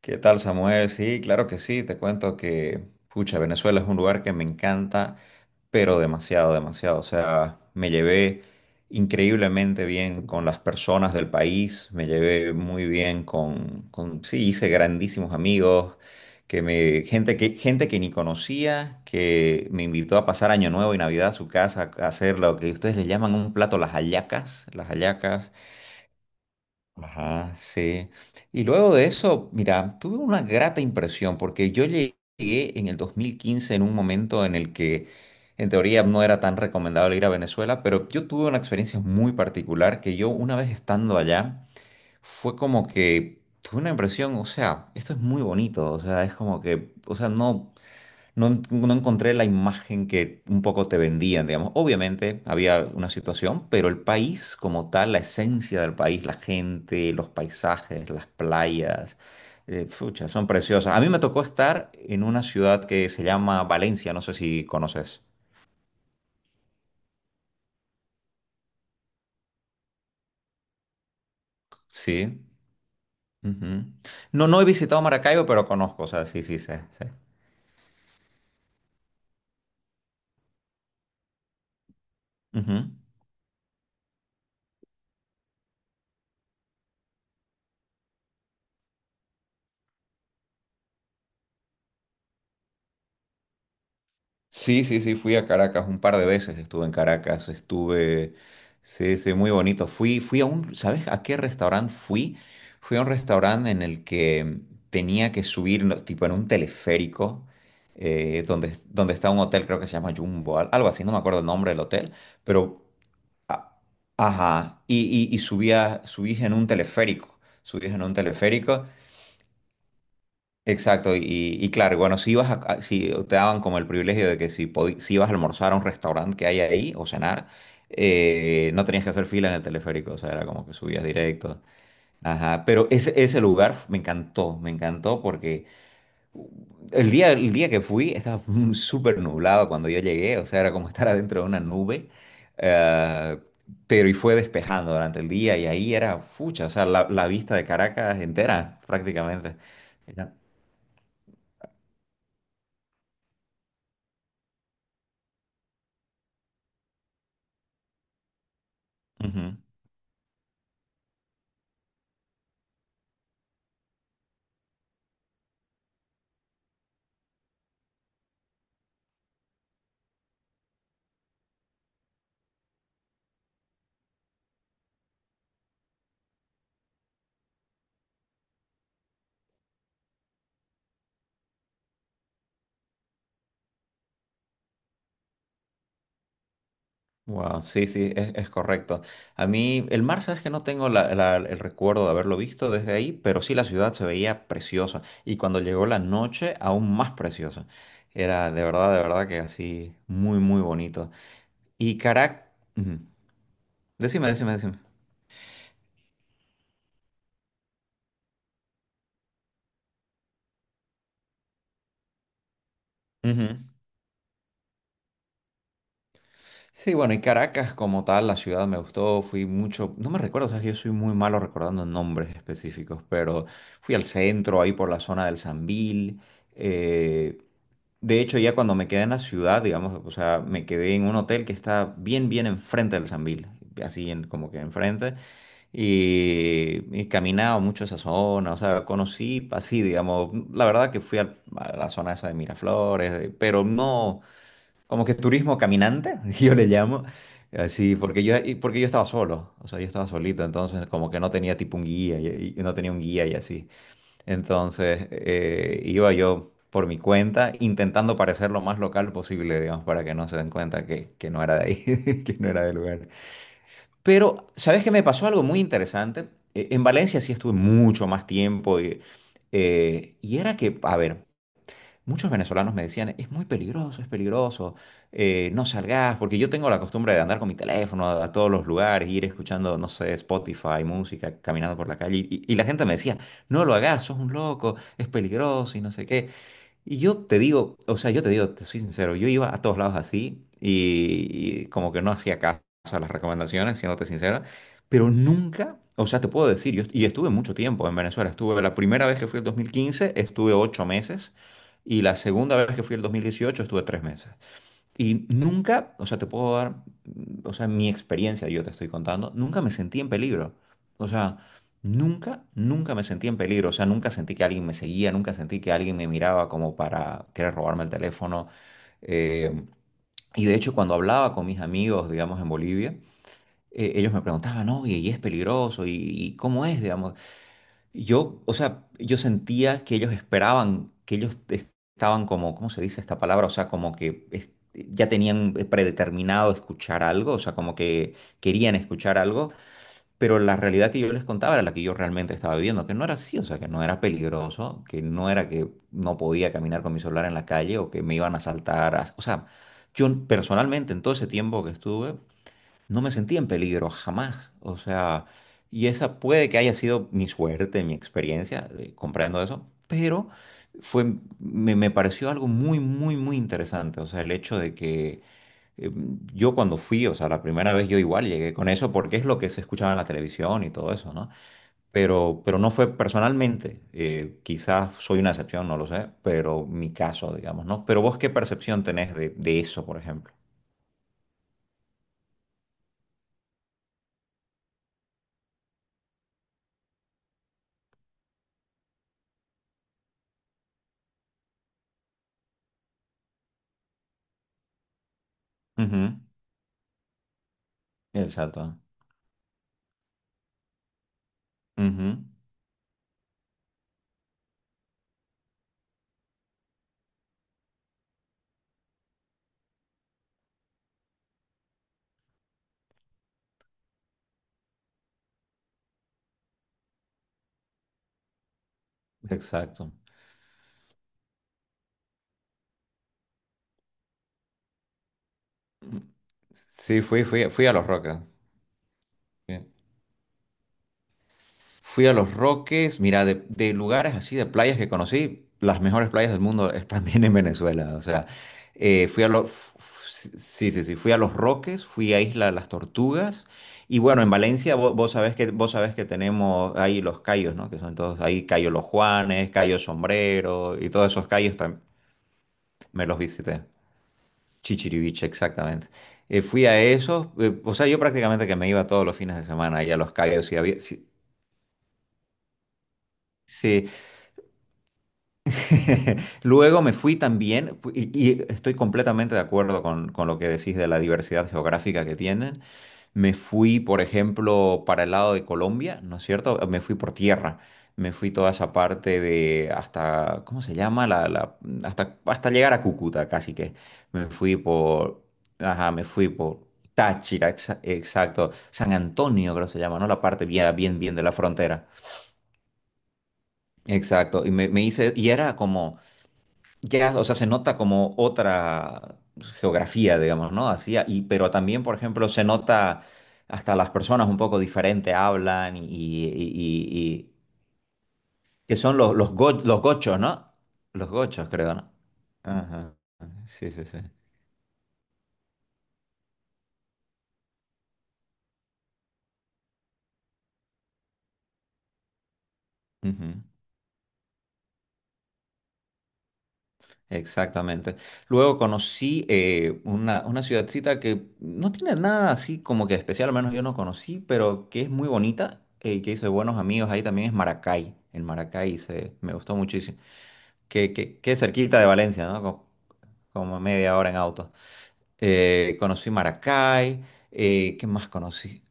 ¿Qué tal, Samuel? Sí, claro que sí. Te cuento que, pucha, Venezuela es un lugar que me encanta, pero demasiado, demasiado. O sea, me llevé increíblemente bien con las personas del país, me llevé muy bien sí, hice grandísimos amigos, gente que ni conocía, que me invitó a pasar Año Nuevo y Navidad a su casa a hacer lo que ustedes le llaman un plato, las hallacas, las hallacas. Ajá, sí. Y luego de eso, mira, tuve una grata impresión porque yo llegué en el 2015 en un momento en el que en teoría no era tan recomendable ir a Venezuela, pero yo tuve una experiencia muy particular que yo una vez estando allá fue como que tuve una impresión, o sea, esto es muy bonito, o sea, es como que, o sea, no, no, no encontré la imagen que un poco te vendían, digamos. Obviamente había una situación, pero el país como tal, la esencia del país, la gente, los paisajes, las playas, pucha, son preciosas. A mí me tocó estar en una ciudad que se llama Valencia, no sé si conoces. Sí. Ujú. No, no he visitado Maracaibo, pero conozco, o sea, sí, sí, sé, sé. Ujú. Sí, sí, sí, fui a Caracas un par de veces, estuve en Caracas, estuve, sí, sí, muy bonito. Fui a un, ¿sabes a qué restaurante fui? Fui a un restaurante en el que tenía que subir, no, tipo en un teleférico, donde está un hotel, creo que se llama Jumbo, algo así, no me acuerdo el nombre del hotel, pero, a- ajá, y subís en un teleférico. Exacto, y claro, y bueno, si ibas a, si te daban como el privilegio de que si, si ibas a almorzar a un restaurante que hay ahí o cenar, no tenías que hacer fila en el teleférico, o sea, era como que subías directo. Ajá, pero ese, me encantó porque el día que fui estaba súper nublado cuando yo llegué, o sea, era como estar adentro de una nube, eh, pero y fue despejando durante el día y ahí era fucha, o sea, la vista de Caracas entera prácticamente. Era- Ujú. Wow, sí, sí, es, correcto. A mí, el mar, sabes que no tengo el recuerdo de haberlo visto desde ahí, pero sí la ciudad se veía preciosa. Y cuando llegó la noche, aún más preciosa. Era de verdad que así, muy, muy bonito. Y Caracas. Decime, decime, decime. Ujú. Sí, bueno, y Caracas como tal, la ciudad me gustó, fui mucho, no me recuerdo, sabes, que yo soy muy malo recordando nombres específicos, pero fui al centro, ahí por la zona del Sambil. De hecho, ya cuando me quedé en la ciudad, digamos, o sea, me quedé en un hotel que está bien, bien enfrente del Sambil, como que enfrente, y caminaba mucho esa zona, o sea, conocí así, digamos, la verdad que fui a la zona esa de Miraflores, pero no, como que turismo caminante, yo le llamo, así, porque yo, y porque yo estaba solo, o sea, yo estaba solito, entonces como que no tenía tipo un guía, y no tenía un guía y así. Entonces, iba yo por mi cuenta intentando parecer lo más local posible, digamos, para que no se den cuenta que no era de ahí, que no era del lugar. Pero, ¿sabes qué? Me pasó algo muy interesante. En Valencia sí estuve mucho más tiempo y, y era que, a ver, muchos venezolanos me decían, es muy peligroso, es peligroso, no salgas, porque yo tengo la costumbre de andar con mi teléfono a, todos los lugares, ir escuchando, no sé, Spotify, música, caminando por la calle, y la gente me decía, no lo hagas, sos un loco, es peligroso y no sé qué. Y yo te digo, o sea, yo te digo, te soy sincero, yo iba a todos lados así y como que no hacía caso a las recomendaciones, siéndote sincera, pero nunca, o sea, te puedo decir, y estuve mucho tiempo en Venezuela, estuve la primera vez que fui el 2015, estuve 8 meses, y la segunda vez que fui el 2018 estuve 3 meses. Y nunca, o sea, te puedo dar, o sea, mi experiencia, yo te estoy contando, nunca me sentí en peligro. O sea, nunca, nunca me sentí en peligro. O sea, nunca sentí que alguien me seguía, nunca sentí que alguien me miraba como para querer robarme el teléfono. Eh, y de hecho, cuando hablaba con mis amigos, digamos, en Bolivia, ellos me preguntaban, oye, ¿y es peligroso? ¿Y cómo es, digamos? Yo, o sea, yo sentía que ellos esperaban, que ellos estaban como, ¿cómo se dice esta palabra? O sea, como que ya tenían predeterminado escuchar algo, o sea, como que querían escuchar algo, pero la realidad que yo les contaba era la que yo realmente estaba viviendo, que no era así, o sea, que no era peligroso, que no era que no podía caminar con mi celular en la calle o que me iban a asaltar, o sea, yo personalmente en todo ese tiempo que estuve no me sentí en peligro jamás. O sea, y esa puede que haya sido mi suerte, mi experiencia comprando eso, pero me pareció algo muy, muy, muy interesante. O sea, el hecho de que eh, yo cuando fui, o sea, la primera vez yo igual llegué con eso porque es lo que se escuchaba en la televisión y todo eso, ¿no? Pero no fue personalmente, quizás soy una excepción, no lo sé, pero mi caso, digamos, ¿no? Pero vos, ¿qué percepción tenés de, eso, por ejemplo? Ujú. Exacto. Ujú. Exacto. Sí, fui a Los Roques. Sí. Fui a Los Roques, mira, de, lugares así, de playas que conocí, las mejores playas del mundo están bien en Venezuela. O sea, eh, fui a los, sí, sí, sí, fui a Los Roques, fui a Isla de las Tortugas. Y bueno, en Valencia vos sabés que tenemos ahí los cayos, ¿no? Que son todos, ahí Cayo Los Juanes, Cayo Sombrero y todos esos cayos me los visité. Chichiriviche, exactamente. Fui a esos, o sea, yo prácticamente que me iba todos los fines de semana allá a los callos y había... Sí, sí. Luego me fui también, y estoy completamente de acuerdo con, lo que decís de la diversidad geográfica que tienen. Me fui, por ejemplo, para el lado de Colombia, ¿no es cierto? Me fui por tierra. Me fui toda esa parte de hasta, ¿cómo se llama? Hasta llegar a Cúcuta, casi que. Me fui por, ajá, me fui por Táchira, exacto. San Antonio, creo que se llama, ¿no? La parte bien, bien, bien de la frontera. Exacto. Y me hice, y era como ya, o sea, se nota como otra geografía, digamos, ¿no? Así, y, pero también, por ejemplo, se nota hasta las personas un poco diferente hablan que son los gochos, ¿no? Los gochos, creo, ¿no? Ajá. Sí, sí, sí. Ujú. Exactamente. Luego conocí una ciudadcita que no tiene nada así como que especial, al menos yo no conocí, pero que es muy bonita y que hice buenos amigos ahí también es Maracay. En Maracay se me gustó muchísimo. Que es cerquita de Valencia, ¿no? Como, media hora en auto. Conocí Maracay. ¿Qué más conocí?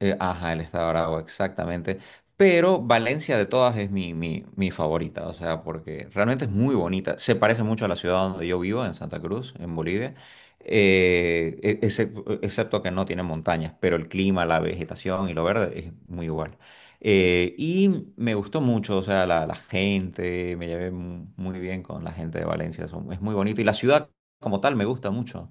Ajá, el estado de Aragua, exactamente. Pero Valencia de todas es mi favorita, o sea, porque realmente es muy bonita. Se parece mucho a la ciudad donde yo vivo, en Santa Cruz, en Bolivia, excepto que no tiene montañas, pero el clima, la vegetación y lo verde es muy igual. Y me gustó mucho, o sea, la gente, me llevé muy bien con la gente de Valencia, es muy bonito. Y la ciudad como tal me gusta mucho.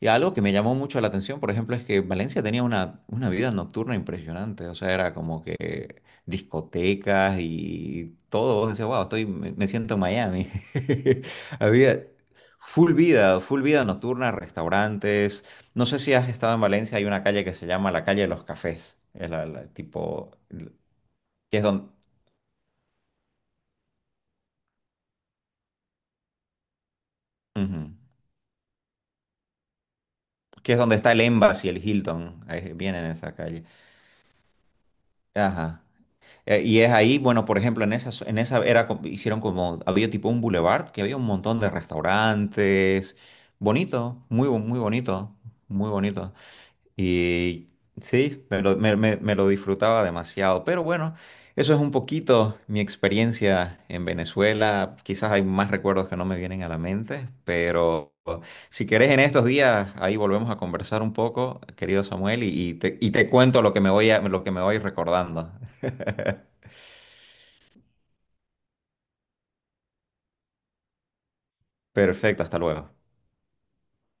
Y algo que me llamó mucho la atención, por ejemplo, es que Valencia tenía una vida nocturna impresionante. O sea, era como que discotecas y todo. Vos decías, wow, me siento en Miami. Había full vida nocturna, restaurantes. No sé si has estado en Valencia, hay una calle que se llama la calle de los cafés. Es tipo, que es donde, que es donde está el Embassy, el Hilton. Ahí viene en esa calle. Ajá. Y es ahí, bueno, por ejemplo, en esa era, hicieron como, había tipo un boulevard, que había un montón de restaurantes, bonito, muy bonito, muy bonito. Y sí, me lo disfrutaba demasiado, pero bueno, eso es un poquito mi experiencia en Venezuela, quizás hay más recuerdos que no me vienen a la mente, pero si querés en estos días, ahí volvemos a conversar un poco, querido Samuel, te cuento lo que lo que me voy recordando. Perfecto, hasta luego.